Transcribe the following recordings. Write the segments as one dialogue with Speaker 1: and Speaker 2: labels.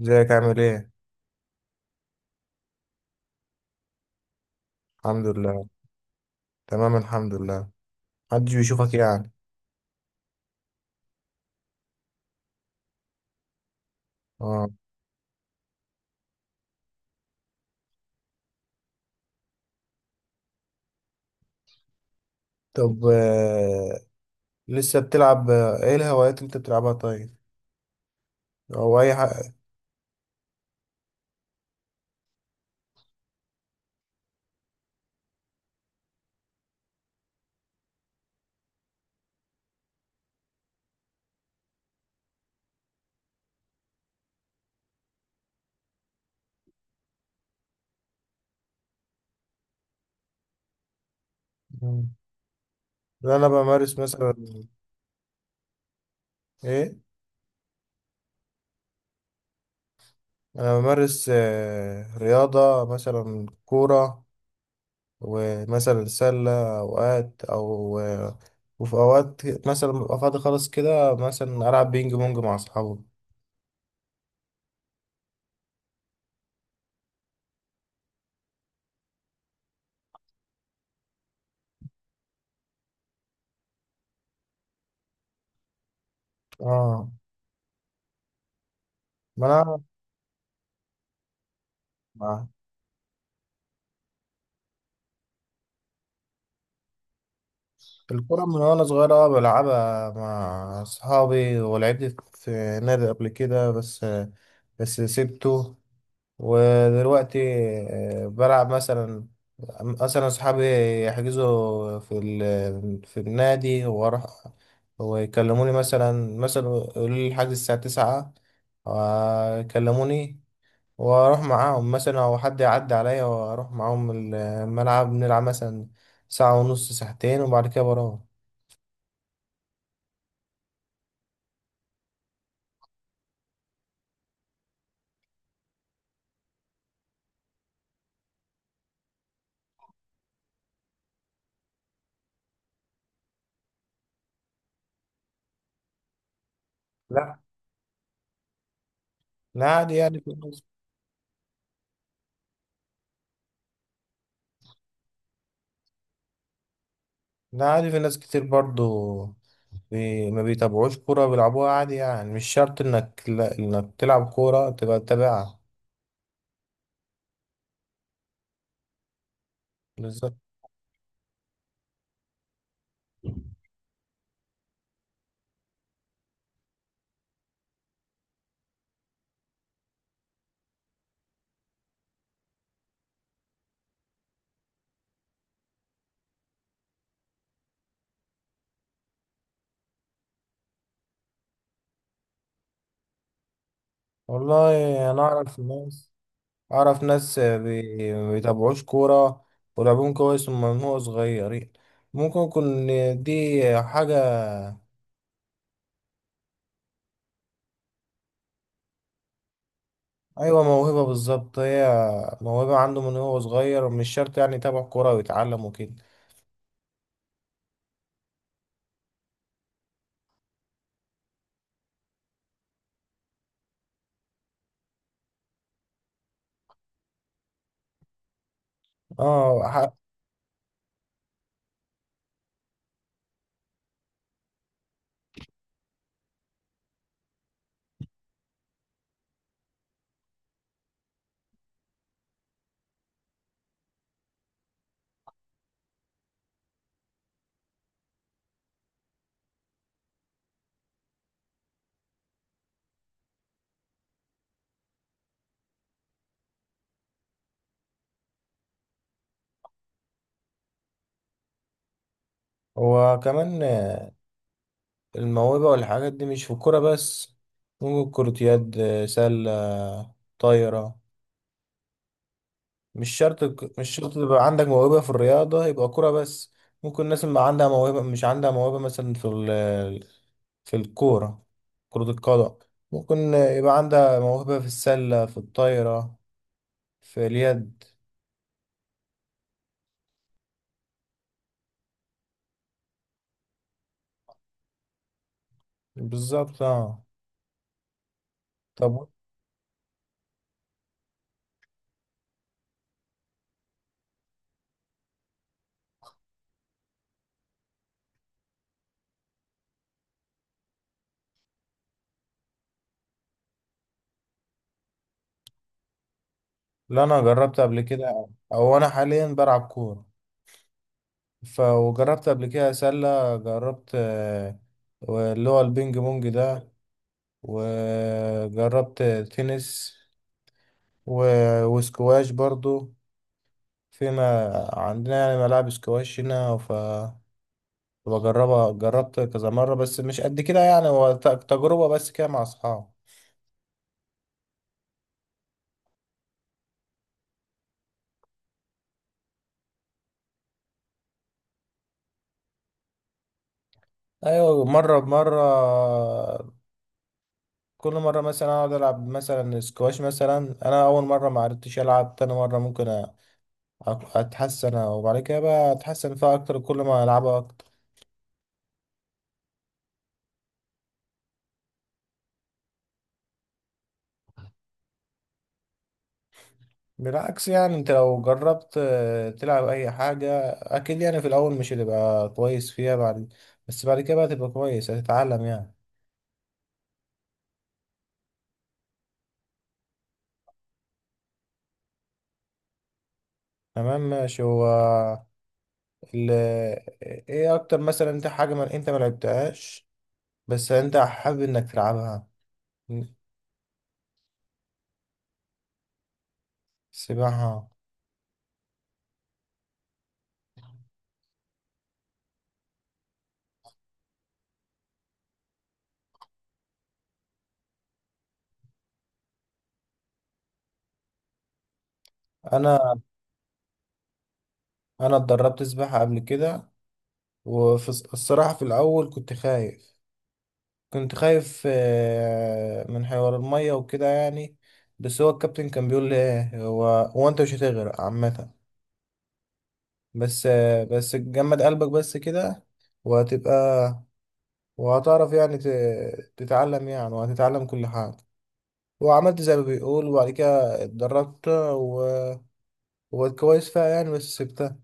Speaker 1: ازيك عامل ايه؟ الحمد لله. تمام الحمد لله. محدش بيشوفك يعني. اه. طب، لسه بتلعب ايه الهوايات اللي انت بتلعبها طيب؟ او اي حاجة. مم. لا، انا بمارس مثلا. ايه؟ انا بمارس رياضة مثلا كورة، ومثلا سلة اوقات او وفي اوقات مثلا ببقى فاضي خالص كده مثلا العب بينج بونج مع اصحابي. اه. ما انا الكرة من وأنا صغير بلعبها مع أصحابي ولعبت في نادي قبل كده، بس سبته. ودلوقتي بلعب مثلا أصحابي يحجزوا في النادي وأروح، ويكلموني، مثلا يقولوا لي الحجز الساعة تسعة، يكلموني وأروح معاهم، مثلا أو حد يعدي عليا وأروح معاهم الملعب نلعب مثلا ساعة ونص، ساعتين، وبعد كده بروح. لا، لا عادي يعني في ناس. لا عادي في ناس كتير برضو ما بيتابعوش كورة بيلعبوها عادي يعني، مش شرط انك لا... انك تلعب كورة تبقى تتابعها. بالظبط. والله انا اعرف ناس ما بيتابعوش كورة ولعبهم كويس من هو صغيرين. ممكن يكون دي حاجة. أيوة موهبة بالظبط هي، موهبة عنده من هو صغير ومش شرط يعني يتابع كورة ويتعلم وكده. اه. وكمان الموهبة والحاجات دي مش في الكورة بس، ممكن كرة يد، سلة، طايرة. مش شرط تبقى عندك موهبة في الرياضة يبقى كورة بس، ممكن الناس اللي عندها موهبة، مش عندها موهبة مثلا في الكورة كرة القدم، ممكن يبقى عندها موهبة في السلة، في الطايرة، في اليد. بالظبط اه. طب، لا أنا جربت قبل كده، أو أنا حاليا بلعب كورة ف وجربت قبل كده سلة، جربت اللي هو البينج بونج ده، وجربت تنس وسكواش برضو، فيما عندنا يعني ملاعب سكواش هنا ف بجربها جربت كذا مرة، بس مش قد كده يعني، هو تجربة بس كده مع أصحابي. أيوة مرة بمرة، كل مرة مثلا أقعد ألعب مثلا سكواش، مثلا أنا أول مرة معرفتش ألعب، تاني مرة ممكن اتحسن، وبعد كده بقى اتحسن فيها اكتر كل ما العبها اكتر. بالعكس يعني انت لو جربت تلعب اي حاجة اكيد يعني في الاول مش هتبقى كويس فيها، بعد بس بعد كده بقى تبقى كويس، هتتعلم يعني. تمام ماشي. هو ال... ايه اكتر مثلا انت حاجة ما انت ما لعبتهاش بس انت حابب انك تلعبها؟ سباحة. انا انا اتدربت سباحة قبل كده، وفي الصراحة في الاول كنت خايف من حوار المية وكده يعني. بس هو الكابتن كان بيقول لي ايه، هو هو انت مش هتغرق عامة، بس جمد قلبك بس كده، وهتبقى وهتعرف يعني تتعلم يعني، وهتتعلم كل حاجة. وعملت زي ما بيقول، وبعد كده اتدربت وبقيت كويس فيها يعني، بس سبتها.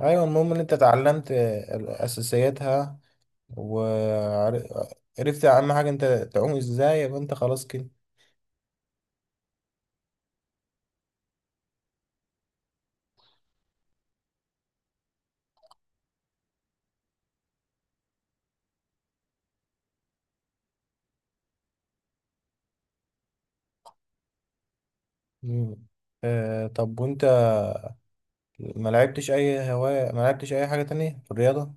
Speaker 1: ايوه، المهم ان انت اتعلمت اساسياتها، وعرفت اهم حاجة انت تعوم ازاي، يبقى انت خلاص كده. مم. طب، وانت ما لعبتش اي هواية، ما لعبتش اي حاجة تانية في الرياضة؟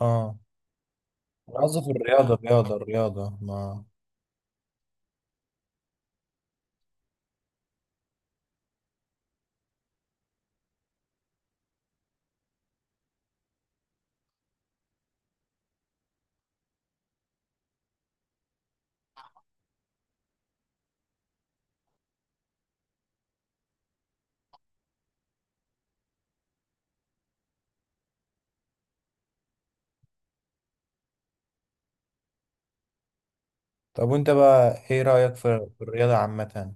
Speaker 1: اه. أنا قصدي في الرياضة، الرياضة ما. طب، وانت بقى ايه رأيك في الرياضة عامة؟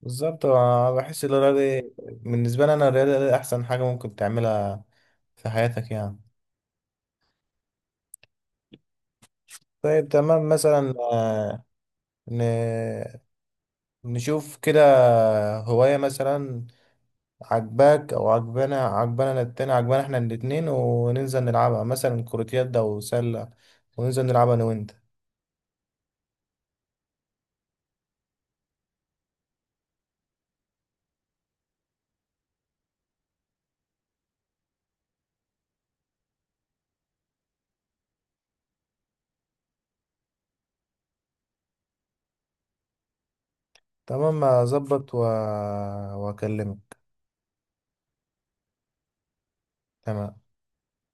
Speaker 1: بالظبط أنا بحس بالنسبة لي انا الرياضة دي احسن حاجة ممكن تعملها في حياتك يعني. طيب تمام مثلا ن... نشوف كده، هواية مثلا عجباك او عجبنا أنا التاني، عجبنا احنا الاتنين، وننزل نلعبها مثلا كرة يد او سلة، وننزل نلعبها انا وانت. تمام، اظبط واكلمك. تمام.